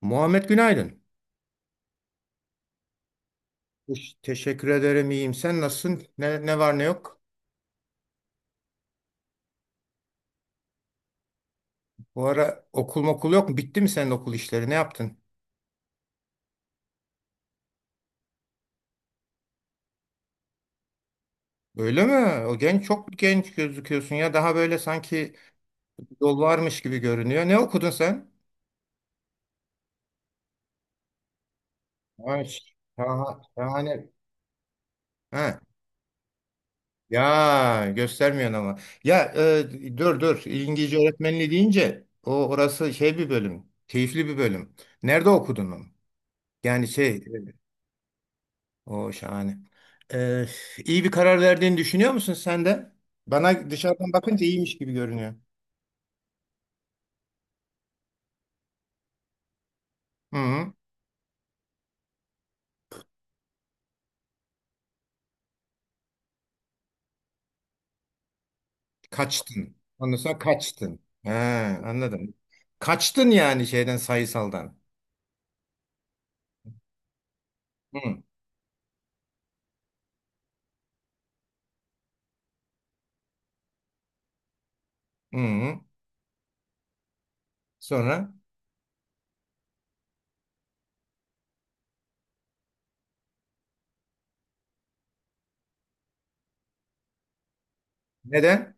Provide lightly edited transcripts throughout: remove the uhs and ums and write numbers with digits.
Muhammed günaydın. Teşekkür ederim, iyiyim. Sen nasılsın? Ne var ne yok? Bu ara okul yok mu? Bitti mi senin okul işleri? Ne yaptın? Öyle mi? O genç, çok genç gözüküyorsun ya. Daha böyle sanki yol varmış gibi görünüyor. Ne okudun sen? Ay, şahane. Ha. Ya göstermiyorsun ama. Ya dur. İngilizce öğretmenliği deyince o orası şey bir bölüm. Keyifli bir bölüm. Nerede okudun onu? Yani şey o şahane. Ee, iyi bir karar verdiğini düşünüyor musun sen de? Bana dışarıdan bakınca iyiymiş gibi görünüyor. Hı hı. Kaçtın. Ondan sonra kaçtın. He, anladım. Kaçtın yani şeyden, sayısaldan. Hı hı. Hı. Sonra neden?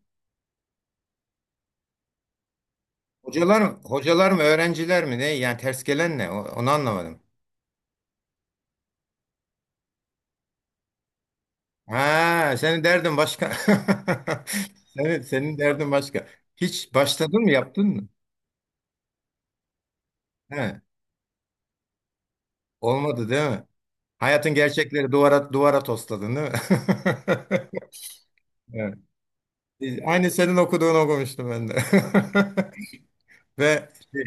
Hocalar mı? Hocalar mı? Öğrenciler mi? Ne? Yani ters gelen ne? Onu anlamadım. Ha, senin derdin başka. Senin derdin başka. Hiç başladın mı, yaptın mı? He, olmadı değil mi? Hayatın gerçekleri, duvara tosladın değil mi? Evet. Aynı senin okuduğunu okumuştum ben de. Ve şey,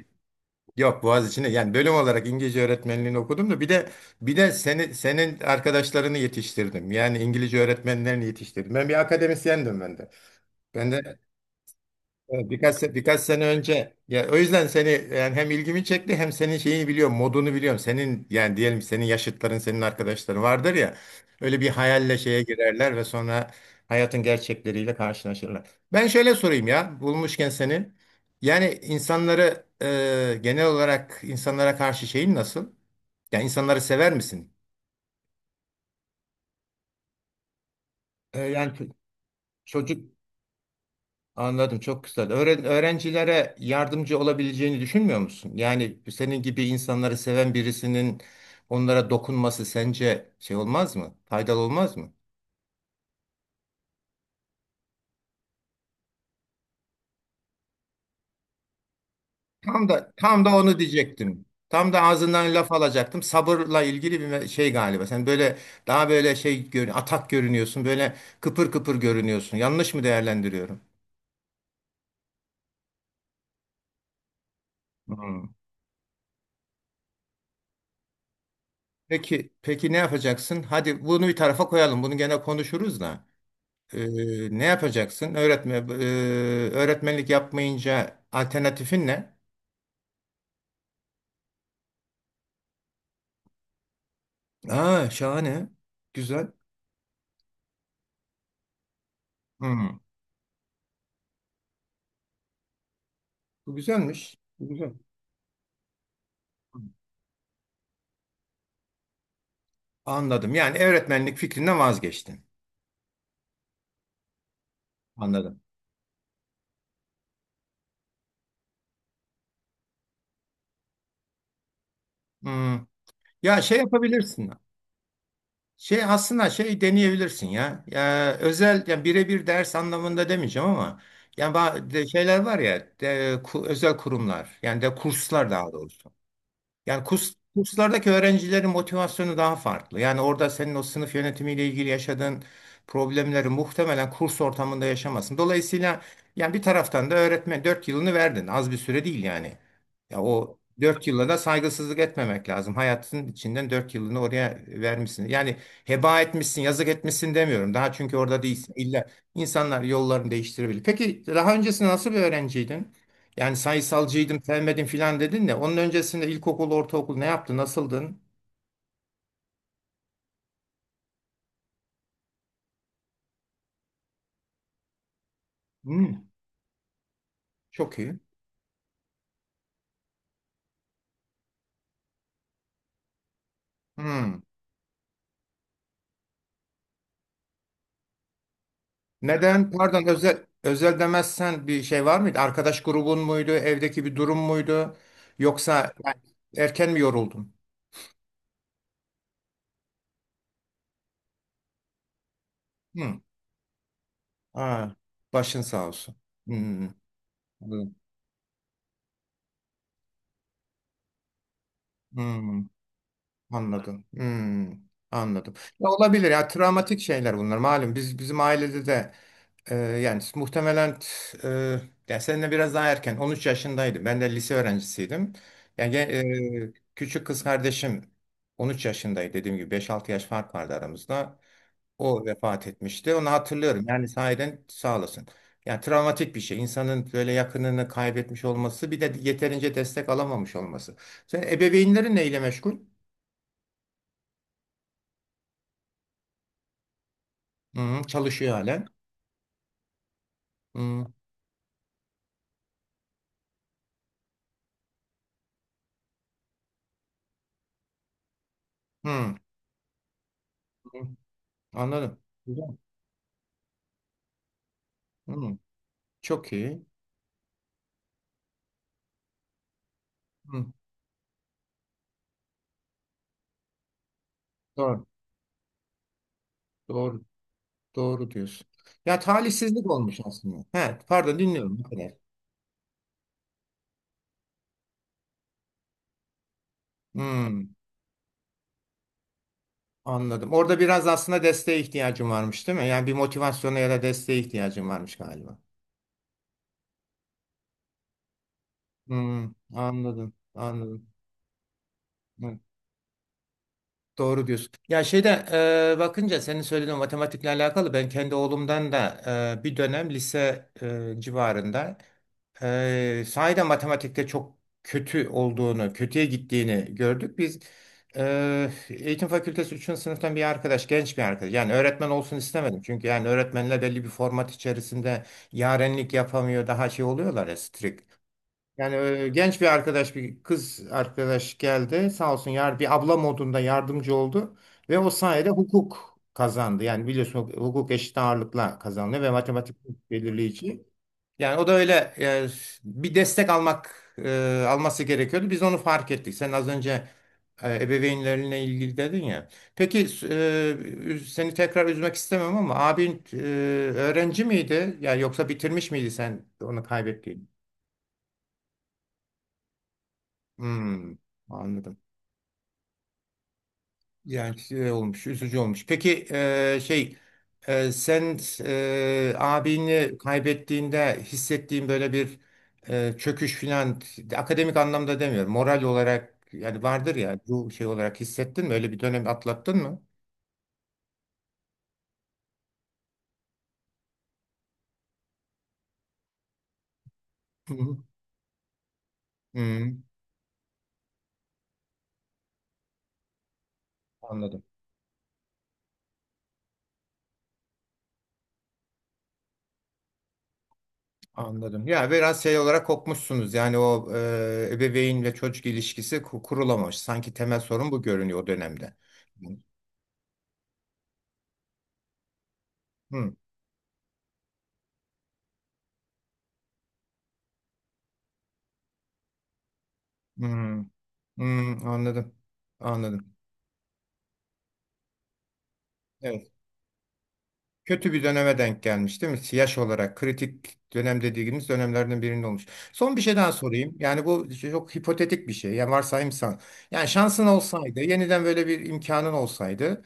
yok Boğaziçi'ne, yani bölüm olarak İngilizce öğretmenliğini okudum da bir de seni, senin arkadaşlarını yetiştirdim. Yani İngilizce öğretmenlerini yetiştirdim. Ben bir akademisyendim ben de. Ben de evet, birkaç, birkaç sene önce. Ya o yüzden seni yani hem ilgimi çekti, hem senin şeyini biliyorum, modunu biliyorum senin. Yani diyelim senin yaşıtların, senin arkadaşların vardır ya, öyle bir hayalle şeye girerler ve sonra hayatın gerçekleriyle karşılaşırlar. Ben şöyle sorayım ya, bulmuşken seni, yani insanları genel olarak insanlara karşı şeyin nasıl? Yani insanları sever misin? Yani çocuk anladım, çok güzel. Öğrencilere yardımcı olabileceğini düşünmüyor musun? Yani senin gibi insanları seven birisinin onlara dokunması sence şey olmaz mı? Faydalı olmaz mı? Tam da onu diyecektim. Tam da ağzından laf alacaktım. Sabırla ilgili bir şey galiba. Sen böyle, daha böyle şey atak görünüyorsun. Böyle kıpır kıpır görünüyorsun. Yanlış mı değerlendiriyorum? Hmm. Peki ne yapacaksın? Hadi bunu bir tarafa koyalım. Bunu gene konuşuruz da. Ne yapacaksın? Öğretmenlik yapmayınca alternatifin ne? Aa, şahane. Güzel. Hmm. Bu güzelmiş. Bu güzel. Anladım. Yani öğretmenlik fikrinden vazgeçtin. Anladım. Hmm. Ya şey yapabilirsin. Şey aslında şey deneyebilirsin ya. Ya özel, yani birebir ders anlamında demeyeceğim ama yani şeyler var ya, özel kurumlar, yani de kurslar daha doğrusu. Yani kurslardaki öğrencilerin motivasyonu daha farklı. Yani orada senin o sınıf yönetimiyle ilgili yaşadığın problemleri muhtemelen kurs ortamında yaşamazsın. Dolayısıyla yani bir taraftan da öğretmen, 4 yılını verdin. Az bir süre değil yani. Ya o 4 yıla da saygısızlık etmemek lazım. Hayatın içinden 4 yılını oraya vermişsin. Yani heba etmişsin, yazık etmişsin demiyorum. Daha, çünkü orada değilsin. İlla insanlar yollarını değiştirebilir. Peki daha öncesinde nasıl bir öğrenciydin? Yani sayısalcıydım, sevmedim filan dedin de onun öncesinde ilkokul, ortaokul ne yaptı, nasıldın? Hmm, çok iyi. Hmm. Neden? Pardon, özel özel demezsen bir şey var mıydı? Arkadaş grubun muydu? Evdeki bir durum muydu? Yoksa yani erken mi yoruldun? Hmm. Aa, başın sağ olsun. Hmm, anladım. Hmm. Anladım. Hmm, anladım. Ya olabilir ya, travmatik şeyler bunlar. Malum biz, bizim ailede de yani muhtemelen e, yani seninle biraz daha erken, 13 yaşındaydım. Ben de lise öğrencisiydim. Yani küçük kız kardeşim 13 yaşındaydı, dediğim gibi 5-6 yaş fark vardı aramızda. O vefat etmişti. Onu hatırlıyorum. Yani sahiden sağ olasın. Yani travmatik bir şey. İnsanın böyle yakınını kaybetmiş olması, bir de yeterince destek alamamış olması. Sen, ebeveynlerin neyle meşgul? Hı, çalışıyor halen. Hı, hı, hı. Anladım. Güzel. Hı, çok iyi. Hı, doğru, doğru, doğru diyorsun. Ya talihsizlik olmuş aslında. He, pardon dinliyorum. Ne kadar? Hı, anladım. Orada biraz aslında desteğe ihtiyacım varmış, değil mi? Yani bir motivasyona ya da desteğe ihtiyacım varmış galiba. Hı, anladım, anladım. Hı, doğru diyorsun. Ya şeyde bakınca senin söylediğin matematikle alakalı ben kendi oğlumdan da bir dönem lise civarında. Sahiden matematikte çok kötü olduğunu, kötüye gittiğini gördük. Biz eğitim fakültesi üçüncü sınıftan bir arkadaş, genç bir arkadaş. Yani öğretmen olsun istemedim. Çünkü yani öğretmenler belli bir format içerisinde yarenlik yapamıyor, daha şey oluyorlar ya, strict. Yani genç bir arkadaş, bir kız arkadaş geldi. Sağ olsun yar, bir abla modunda yardımcı oldu. Ve o sayede hukuk kazandı. Yani biliyorsun, hukuk eşit ağırlıkla kazandı ve matematik belirleyici. Yani o da öyle bir destek almak, alması gerekiyordu. Biz onu fark ettik. Sen az önce ebeveynlerine ilgili dedin ya. Peki seni tekrar üzmek istemem ama abin öğrenci miydi? Yani yoksa bitirmiş miydi sen onu kaybettiğin? Hmm, anladım. Yani şey olmuş, üzücü olmuş. Peki şey sen abini kaybettiğinde hissettiğin böyle bir çöküş filan, akademik anlamda demiyorum. Moral olarak yani, vardır ya bu şey olarak hissettin mi? Öyle bir dönem atlattın mı? Hı hı. Hı, anladım. Anladım. Ya biraz şey olarak kopmuşsunuz. Yani o ebeveyn ve çocuk ilişkisi kurulamamış. Sanki temel sorun bu görünüyor o dönemde. Hı, hı, hı, hı, anladım. Anladım. Evet. Kötü bir döneme denk gelmiş değil mi? Yaş olarak kritik dönem dediğimiz dönemlerden birinde olmuş. Son bir şey daha sorayım. Yani bu çok hipotetik bir şey. Yani varsayımsan. Yani şansın olsaydı, yeniden böyle bir imkanın olsaydı,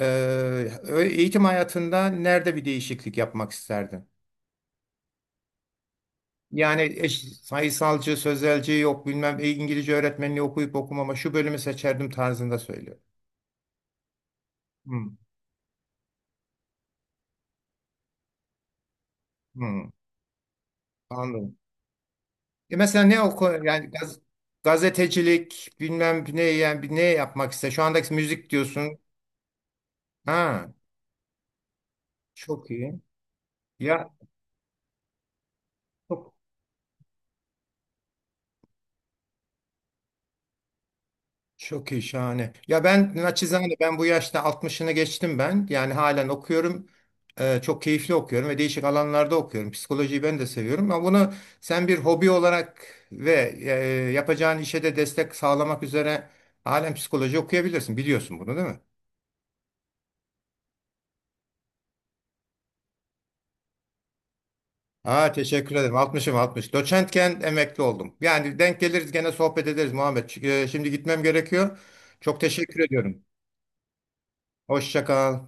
eğitim hayatında nerede bir değişiklik yapmak isterdin? Yani eş, sayısalcı, sözelci yok bilmem İngilizce öğretmenliği okuyup okumama şu bölümü seçerdim tarzında söylüyor. Hmm, hmm, anladım. Ya mesela ne oku yani gazetecilik bilmem ne yani ne yapmak ister. Şu andaki müzik diyorsun. Ha, çok iyi. Ya çok çok iyi, şahane. Ya ben naçizane, ben bu yaşta altmışını geçtim ben. Yani halen okuyorum. Çok keyifli okuyorum ve değişik alanlarda okuyorum. Psikolojiyi ben de seviyorum ama bunu sen bir hobi olarak ve yapacağın işe de destek sağlamak üzere halen psikoloji okuyabilirsin. Biliyorsun bunu değil mi? Aa, teşekkür ederim. Altmışım, 60. Doçentken emekli oldum. Yani denk geliriz gene, sohbet ederiz Muhammed. Çünkü şimdi gitmem gerekiyor. Çok teşekkür ediyorum. Hoşça kal.